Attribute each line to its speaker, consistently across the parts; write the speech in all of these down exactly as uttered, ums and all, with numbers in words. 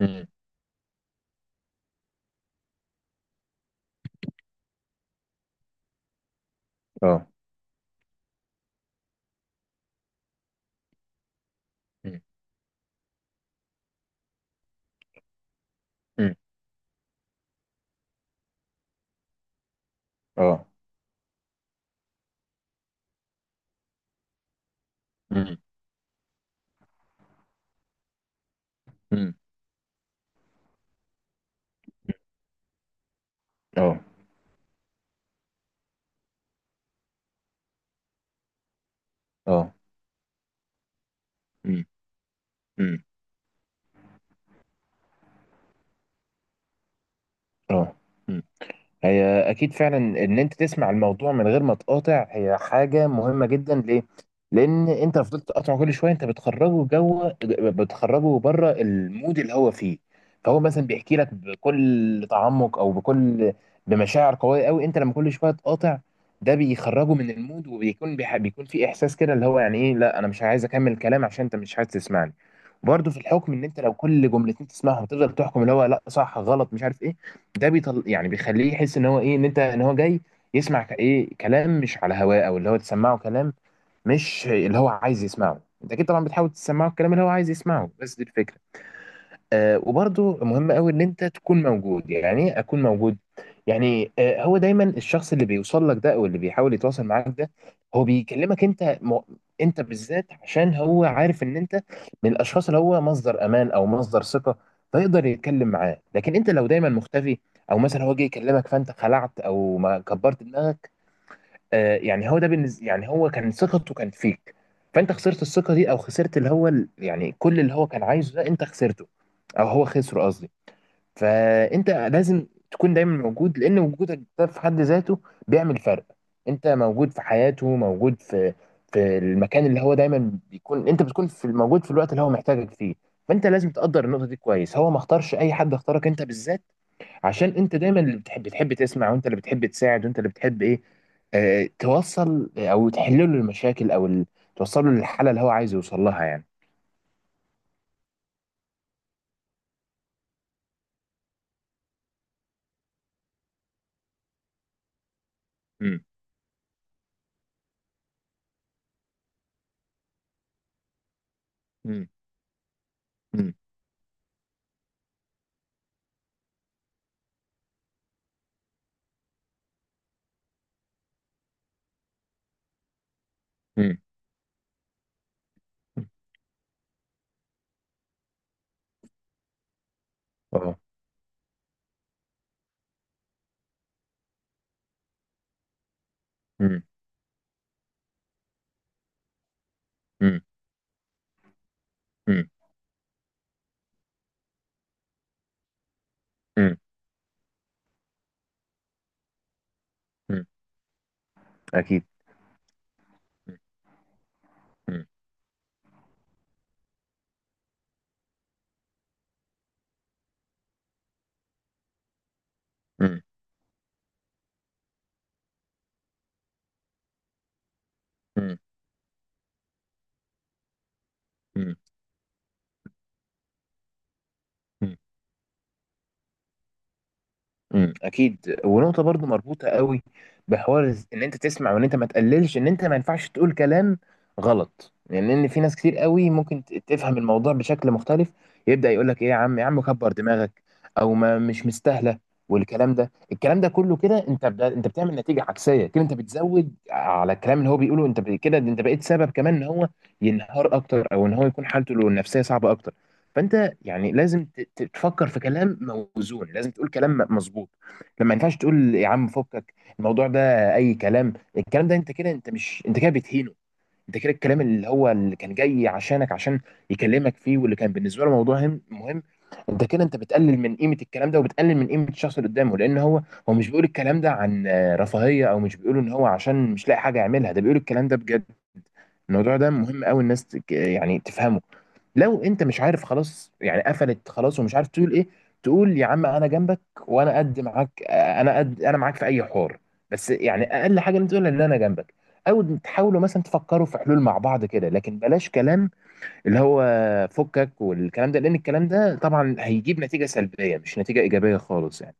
Speaker 1: امم. اه. امم. اه. امم. اه. اه. امم. اه. هي اكيد فعلا، ان انت تسمع الموضوع من غير ما تقاطع، هي حاجه مهمه جدا ليه؟ لان انت لو فضلت تقاطع كل شويه، انت بتخرجه جوه، بتخرجه بره المود اللي هو فيه. فهو مثلا بيحكي لك بكل تعمق، او بكل بمشاعر قويه قوي. انت لما كل شويه تقاطع، ده بيخرجه من المود، وبيكون بيح... بيكون في احساس كده، اللي هو يعني ايه؟ لا، انا مش عايز اكمل الكلام عشان انت مش عايز تسمعني. برضه في الحكم، ان انت لو كل جملتين تسمعهم، تفضل تحكم اللي هو: لا، صح، غلط، مش عارف ايه. ده بيطل، يعني بيخليه يحس ان هو ايه، ان انت ان هو جاي يسمع ك- ايه، كلام مش على هواه، او اللي هو تسمعه كلام مش اللي هو عايز يسمعه. انت اكيد طبعا بتحاول تسمعه الكلام اللي هو عايز يسمعه، بس دي الفكره. آه، وبرضو مهم قوي ان انت تكون موجود. يعني ايه اكون موجود؟ يعني آه، هو دايما الشخص اللي بيوصل لك ده، او اللي بيحاول يتواصل معاك ده، هو بيكلمك انت مو... انت بالذات، عشان هو عارف ان انت من الاشخاص اللي هو مصدر امان او مصدر ثقة، فيقدر يتكلم معاه. لكن انت لو دايما مختفي، او مثلا هو جه يكلمك فانت خلعت او ما كبرت دماغك، آه، يعني هو ده بالنسبه، يعني هو كان ثقته كانت فيك، فانت خسرت الثقه دي، او خسرت اللي هو ال- يعني كل اللي هو كان عايزه ده انت خسرته، او هو خسره قصدي. فانت لازم تكون دايما موجود، لان وجودك ده في حد ذاته بيعمل فرق. انت موجود في حياته، موجود في في المكان اللي هو دايما بيكون، انت بتكون في، موجود في الوقت اللي هو محتاجك فيه. فانت لازم تقدر النقطة دي كويس، هو ما اختارش اي حد، اختارك انت بالذات، عشان انت دايما اللي بتحب بتحب تسمع، وانت اللي بتحب تساعد، وانت اللي بتحب ايه، اه، توصل او تحل له المشاكل، او ال- توصل له للحالة اللي هو عايز يوصل لها يعني. امم. امم. امم. اه. امم. مم. مم. اكيد. مم. مم. مم. مم. مم. مم. اكيد، ونقطه برضو مربوطه قوي بحوار إز- ان انت تسمع، وان انت ما تقللش، ان انت ما ينفعش تقول كلام غلط يعني، لان في ناس كتير قوي ممكن ت- تفهم الموضوع بشكل مختلف. يبدا يقول لك ايه؟ يا عم، يا عم كبر دماغك، او ما مش مستاهله، والكلام ده، الكلام ده كله، كده انت بدا انت بتعمل نتيجه عكسيه، كده انت بتزود على الكلام اللي هو بيقوله، انت ب- كده انت بقيت سبب كمان ان هو ينهار اكتر، او ان هو يكون حالته النفسيه صعبه اكتر. فانت يعني لازم ت- ت- تفكر في كلام موزون، لازم تقول كلام مظبوط. لما، ما ينفعش تقول يا عم فكك الموضوع ده، اي كلام. الكلام ده، انت كده، انت مش، انت كده بتهينه. انت كده الكلام اللي هو، اللي كان جاي عشانك عشان يكلمك فيه، واللي كان بالنسبه له موضوع هم- مهم، انت كده انت بتقلل من قيمه الكلام ده، وبتقلل من قيمه الشخص اللي قدامه، لان هو هو مش بيقول الكلام ده عن آه، رفاهيه، او مش بيقول ان هو عشان مش لاقي حاجه يعملها، ده بيقول الكلام ده بجد. الموضوع ده مهم قوي، الناس تك- يعني تفهمه. لو انت مش عارف، خلاص يعني قفلت خلاص ومش عارف تقول ايه، تقول يا عم انا جنبك، وانا قد معاك، انا قد، انا معاك في اي حوار. بس يعني اقل حاجه انت تقولها ان انا جنبك، او تحاولوا مثلا تفكروا في حلول مع بعض كده، لكن بلاش كلام اللي هو فكك والكلام ده، لان الكلام ده طبعا هيجيب نتيجه سلبيه، مش نتيجه ايجابيه خالص يعني.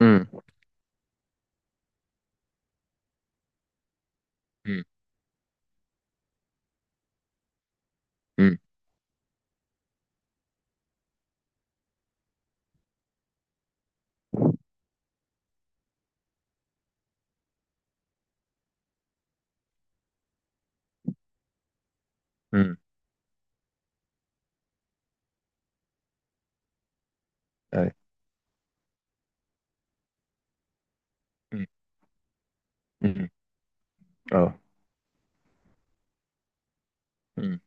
Speaker 1: امم. امم. امم. امم. أي. امم. امم. اه. امم.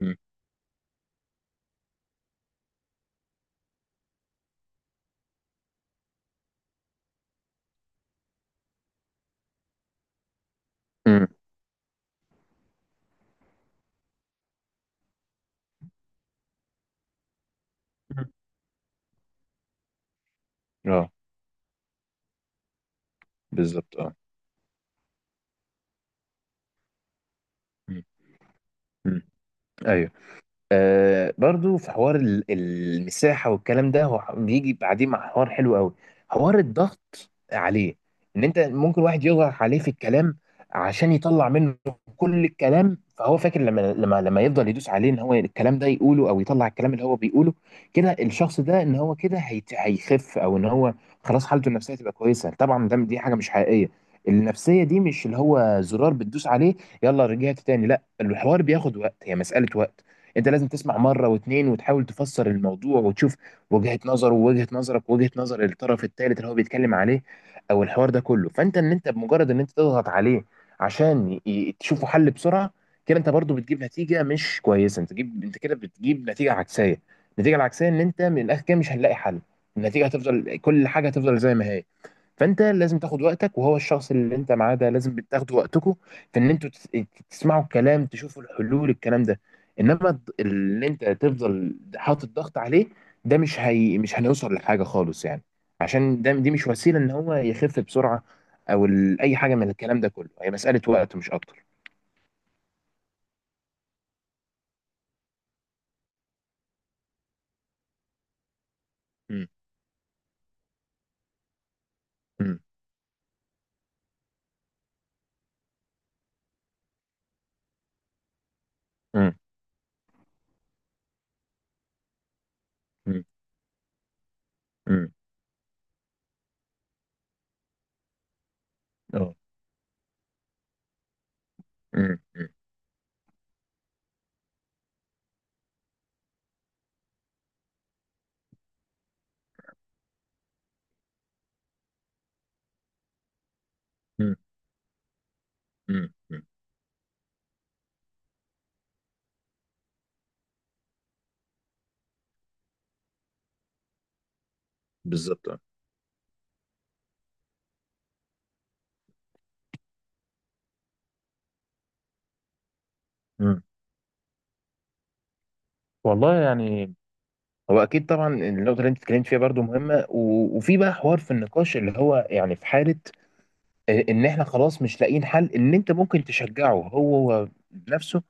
Speaker 1: امم. امم. اه. بالظبط اه. امم. امم. ايوه. آه، برضو في حوار ال- المساحة، والكلام ده هو بيجي بعدين مع حوار حلو قوي، حوار الضغط عليه. ان انت ممكن واحد يضغط عليه في الكلام عشان يطلع منه كل الكلام، فهو فاكر لما لما لما يفضل يدوس عليه، ان هو الكلام ده يقوله، او يطلع الكلام اللي هو بيقوله، كده الشخص ده ان هو كده هيت- هيخف، او ان هو خلاص حالته النفسية تبقى كويسة. طبعا ده دي حاجة مش حقيقية، النفسية دي مش اللي هو زرار بتدوس عليه، يلا رجعت تاني. لا، الحوار بياخد وقت، هي مسألة وقت. انت لازم تسمع مره واتنين، وتحاول تفسر الموضوع، وتشوف وجهه نظره ووجهه نظرك ووجهه نظر الطرف الثالث اللي هو بيتكلم عليه، او الحوار ده كله. فانت، ان انت بمجرد ان انت تضغط عليه عشان ي- ي- تشوفوا حل بسرعه، كده انت برضو بتجيب نتيجه مش كويسه، انت تجيب انت كده بتجيب نتيجه عكسيه. النتيجه العكسيه ان انت من الاخر كده مش هنلاقي حل، النتيجه هتفضل، كل حاجه هتفضل زي ما هي. فانت لازم تاخد وقتك، وهو الشخص اللي انت معاه ده، لازم بتاخدوا وقتكم في ان انتوا تس- إيه، تسمعوا الكلام، تشوفوا الحلول، الكلام ده. انما الض- اللي انت تفضل حاطط ضغط عليه، ده مش، هي مش هنوصل لحاجه خالص يعني، عشان ده دي مش وسيله ان هو يخف بسرعه، او ال... اي حاجه من الكلام ده كله هي مساله وقت مش اكتر. مم. مم. مم. مم. مم. اه. مم. مم. مم. مم. مم. بالظبط اه. مم. والله يعني، هو اكيد طبعا النقطه اللي انت اتكلمت فيها برضو مهمه، و... وفي بقى حوار في النقاش اللي هو يعني في حاله، آه، ان احنا خلاص مش لاقيين حل، ان انت ممكن تشجعه هو نفسه،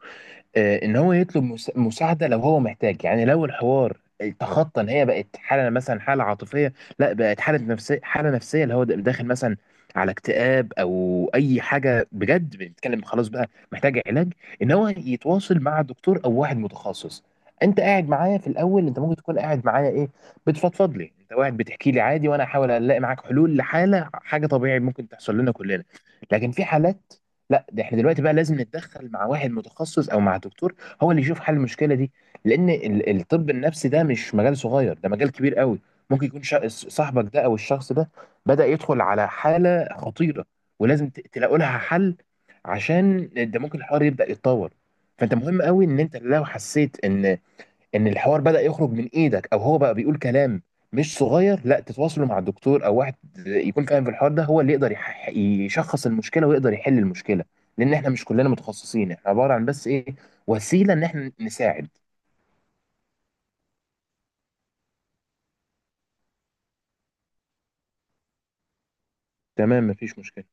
Speaker 1: آه، ان هو يطلب مس- مساعده لو هو محتاج، يعني لو الحوار تخطى ان هي بقت حاله مثلا حاله عاطفيه، لا بقت حاله نفسيه، حاله نفسيه اللي هو د- داخل مثلا على اكتئاب او اي حاجه، بجد بنتكلم خلاص بقى محتاج علاج، ان هو يتواصل مع دكتور او واحد متخصص. انت قاعد معايا في الاول، انت ممكن تكون قاعد معايا ايه، بتفضفض لي، انت قاعد بتحكي لي عادي، وانا احاول الاقي معاك حلول لحاله، حاجه طبيعي ممكن تحصل لنا كلنا. لكن في حالات، لا ده احنا دلوقتي بقى لازم نتدخل مع واحد متخصص او مع دكتور، هو اللي يشوف حل المشكله دي، لان ال- الطب النفسي ده مش مجال صغير، ده مجال كبير قوي. ممكن يكون شا- صاحبك ده، او الشخص ده بدأ يدخل على حاله خطيره، ولازم ت- تلاقوا لها حل، عشان ده ممكن الحوار يبدأ يتطور. فانت مهم قوي ان انت لو حسيت ان ان الحوار بدأ يخرج من ايدك، او هو بقى بيقول كلام مش صغير، لا تتواصلوا مع الدكتور، او واحد يكون فاهم في الحوار ده، هو اللي يقدر يح- يشخص المشكله، ويقدر يحل المشكله، لان احنا مش كلنا متخصصين، احنا عباره عن بس ايه، وسيله ان احنا نساعد. تمام، مفيش مشكله.